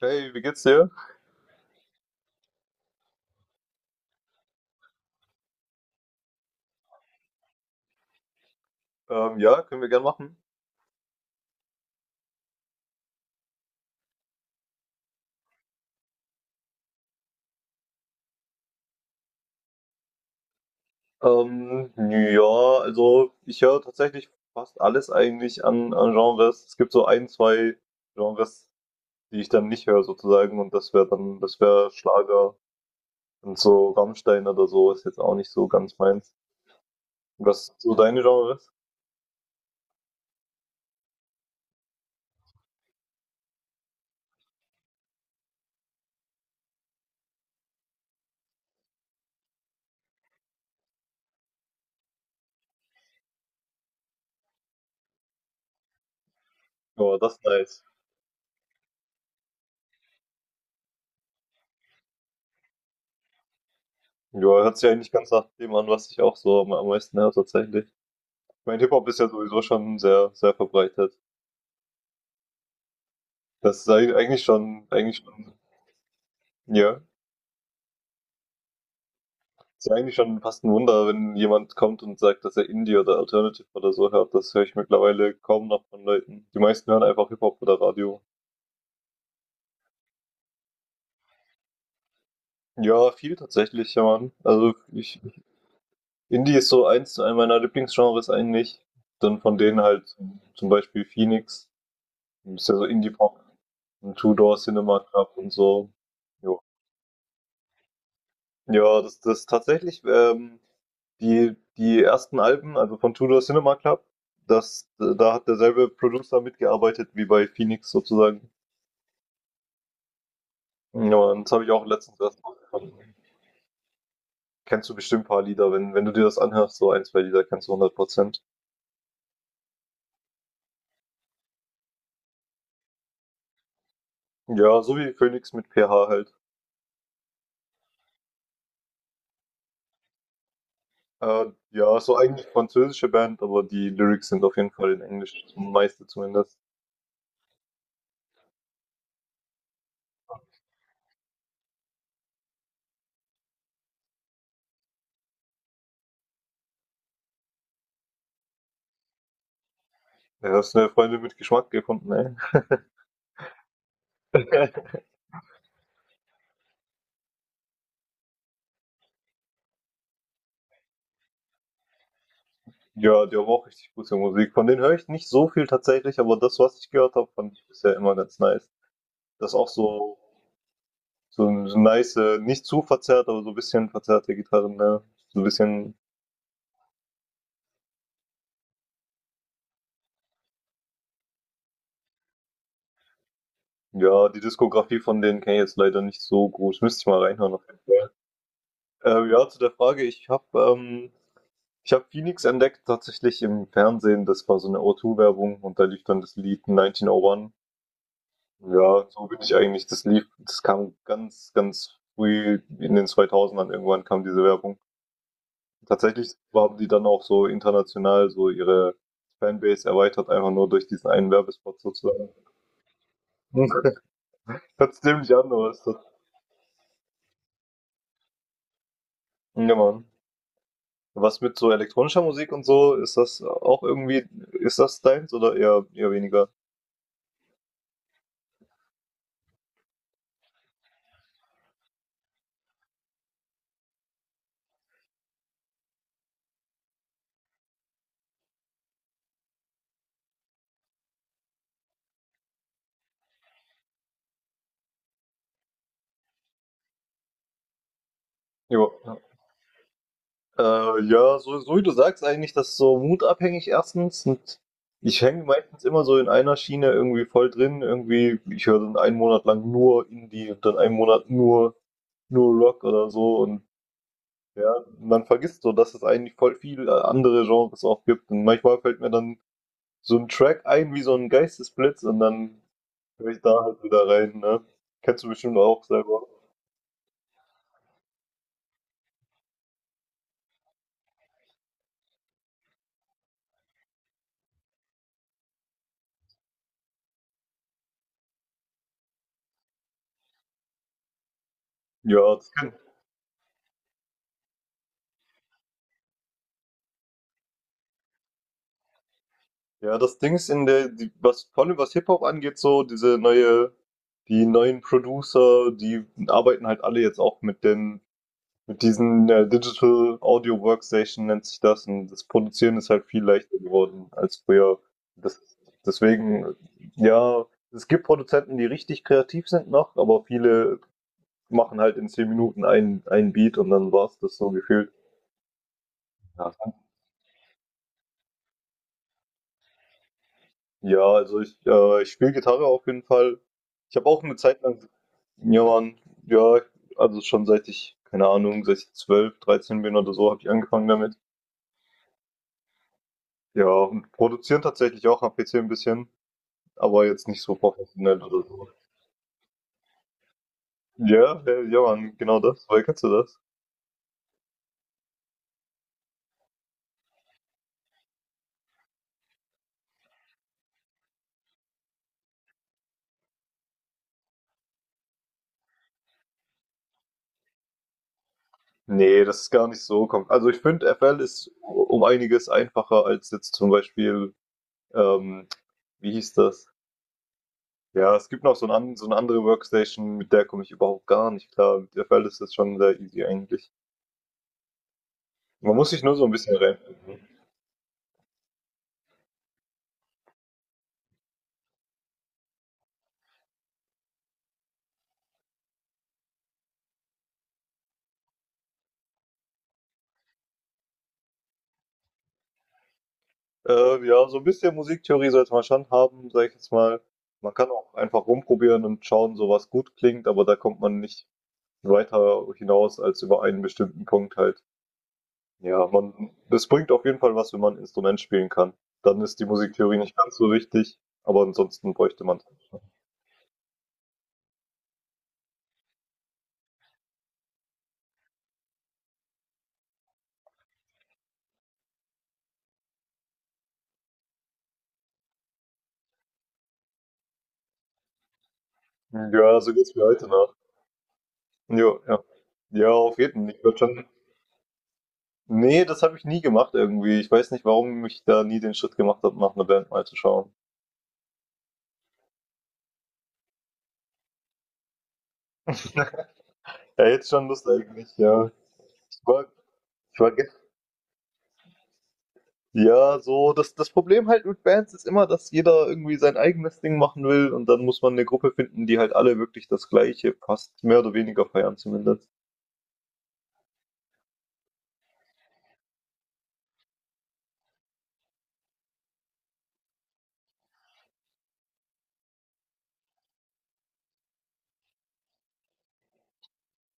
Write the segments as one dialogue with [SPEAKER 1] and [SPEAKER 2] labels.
[SPEAKER 1] Hey, wie geht's dir? Ja, können wir gern machen. Ja, also ich höre tatsächlich fast alles eigentlich an Genres. Es gibt so ein, zwei Genres, die ich dann nicht höre sozusagen, und das wäre dann, das wäre Schlager und so Rammstein oder so ist jetzt auch nicht so ganz meins. Was sind so deine Genres? Ja, das ist nice. Ja, hört sich eigentlich ganz nach dem an, was ich auch so am meisten höre tatsächlich. Ich meine, Hip-Hop ist ja sowieso schon sehr, sehr verbreitet. Das ist eigentlich schon, eigentlich schon. Ja, ist ja eigentlich schon fast ein Wunder, wenn jemand kommt und sagt, dass er Indie oder Alternative oder so hört. Das höre ich mittlerweile kaum noch von Leuten. Die meisten hören einfach Hip-Hop oder Radio. Ja, viel tatsächlich, ja, Mann. Also, ich. Indie ist so eins zu einem meiner Lieblingsgenres eigentlich. Dann von denen halt zum Beispiel Phoenix. Ist ja so Indie-Pop und Two Door Cinema Club und so. Jo. Ja, das tatsächlich, die ersten Alben, also von Tudor Cinema Club, da hat derselbe Producer mitgearbeitet wie bei Phoenix sozusagen. Ja, und das habe ich auch letztens erst mal gefunden. Kennst du bestimmt ein paar Lieder, wenn du dir das anhörst, so ein, zwei Lieder kennst du 100%. Ja, so wie Phoenix mit PH halt. Ja, so eigentlich französische Band, aber die Lyrics sind auf jeden Fall in Englisch, meiste zumindest. Ja, hast du eine Freundin mit Geschmack gefunden, ey. Ja, die haben auch richtig gute Musik. Von denen höre ich nicht so viel tatsächlich, aber das, was ich gehört habe, fand ich bisher immer ganz nice. Das ist auch so, so ein so nice, nicht zu verzerrt, aber so ein bisschen verzerrte Gitarren, ne? So ein bisschen, ja. Die Diskografie von denen kenne ich jetzt leider nicht so groß. Müsste ich mal reinhören auf jeden Fall. Ja, zu der Frage, ähm, ich habe Phoenix entdeckt tatsächlich im Fernsehen. Das war so eine O2-Werbung und da lief dann das Lied 1901. Ja, so bin ich eigentlich. Das kam ganz, ganz früh in den 2000ern, irgendwann kam diese Werbung. Tatsächlich haben die dann auch so international so ihre Fanbase erweitert, einfach nur durch diesen einen Werbespot sozusagen. Hört sich ziemlich an, aber ist das. Ja, Mann. Was mit so elektronischer Musik und so, ist das auch irgendwie, ist das deins oder eher weniger? Ja. Ja, so, so wie du sagst, eigentlich, das ist so mutabhängig erstens. Und ich hänge meistens immer so in einer Schiene irgendwie voll drin. Irgendwie, ich höre dann einen Monat lang nur Indie und dann einen Monat nur Rock oder so. Und ja, man vergisst so, dass es eigentlich voll viel andere Genres auch gibt. Und manchmal fällt mir dann so ein Track ein wie so ein Geistesblitz und dann höre ich da halt wieder rein, ne? Kennst du bestimmt auch selber. Ja, das kenn. Ja, das Ding ist, in der, die, was vor allem was Hip-Hop angeht, so diese neue, die neuen Producer, die arbeiten halt alle jetzt auch mit diesen Digital Audio Workstation nennt sich das, und das Produzieren ist halt viel leichter geworden als früher. Das, deswegen, ja, es gibt Produzenten, die richtig kreativ sind noch, aber viele machen halt in 10 Minuten einen Beat und dann war's das so gefühlt. Ja, ja, also ich spiele Gitarre auf jeden Fall. Ich habe auch eine Zeit lang, ja, Mann, ja, also schon seit ich, keine Ahnung, seit ich 12, 13 bin oder so, habe ich angefangen damit. Ja, und produzieren tatsächlich auch am PC 'n bisschen, aber jetzt nicht so professionell oder so. Ja, ja, ja, Mann, genau das. Woher kennst du das? Ne, das ist gar nicht so kom, also ich finde, FL ist um einiges einfacher als jetzt zum Beispiel, ähm wie hieß das? Ja, es gibt noch so ein an so 'ne andere Workstation, mit der komme ich überhaupt gar nicht klar. Mit der FL ist das schon sehr easy eigentlich. Man muss sich nur so ein bisschen reinfinden. Ja, so ein bisschen Musiktheorie sollte man schon haben, sage ich jetzt mal. Man kann auch einfach rumprobieren und schauen, so was gut klingt, aber da kommt man nicht weiter hinaus als über einen bestimmten Punkt halt. Ja, man, es bringt auf jeden Fall was, wenn man ein Instrument spielen kann. Dann ist die Musiktheorie nicht ganz so wichtig, aber ansonsten bräuchte man. Ja, so geht's mir heute Nacht. Jo, ja. Ja, auf jeden Fall. Ich würde schon. Nee, das habe ich nie gemacht irgendwie. Ich weiß nicht, warum ich da nie den Schritt gemacht habe, nach einer Band mal zu schauen. Ja, jetzt schon Lust eigentlich, ja. Ich war, ich war gest- ja, so, das Problem halt mit Bands ist immer, dass jeder irgendwie sein eigenes Ding machen will und dann muss man eine Gruppe finden, die halt alle wirklich das Gleiche passt. Mehr oder weniger feiern zumindest.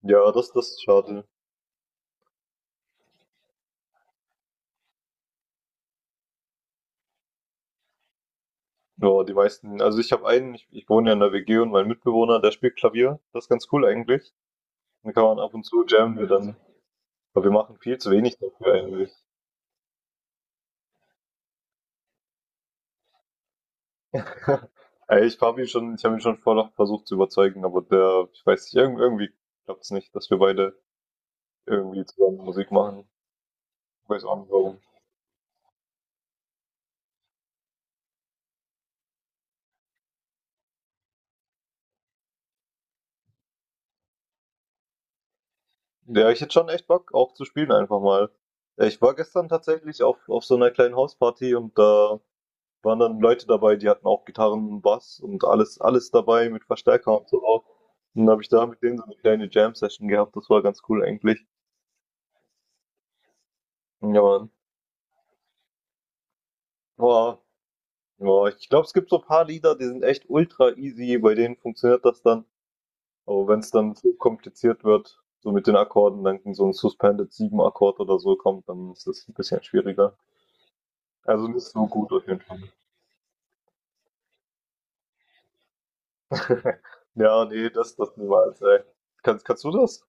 [SPEAKER 1] Ja, das ist schade. Ja, die meisten, also ich habe einen, ich wohne ja in der WG und mein Mitbewohner, der spielt Klavier. Das ist ganz cool eigentlich. Dann kann man ab und zu jammen wir dann. Aber wir machen viel zu wenig dafür eigentlich. Ey, ich habe ihn schon vorher versucht zu überzeugen, aber der, ich weiß nicht, irgendwie klappt es nicht, dass wir beide irgendwie zusammen Musik machen. Ich weiß auch nicht warum. Ja, ich hätte schon echt Bock, auch zu spielen einfach mal. Ich war gestern tatsächlich auf so einer kleinen Hausparty, und da waren dann Leute dabei, die hatten auch Gitarren, Bass und alles, alles dabei, mit Verstärker und so auch. Und dann habe ich da mit denen so eine kleine Jam-Session gehabt, das war ganz cool eigentlich. Ja, Mann. Ja, ich glaube, es gibt so ein paar Lieder, die sind echt ultra easy, bei denen funktioniert das dann. Aber wenn es dann zu kompliziert wird, so mit den Akkorden, dann so ein Suspended 7 Akkord oder so kommt, dann ist das ein bisschen schwieriger. Also nicht so gut auf jeden Fall. Ja, nee, das niemals, ey. Kannst du das?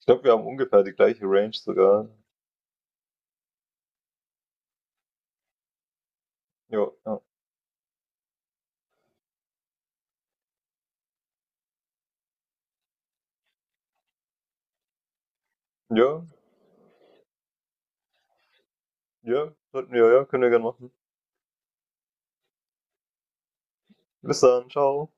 [SPEAKER 1] Ich glaube, wir haben ungefähr die gleiche Range sogar. Ja, ja. Ja, ja, sollten wir, ja, können wir gerne machen. Bis dann, ciao.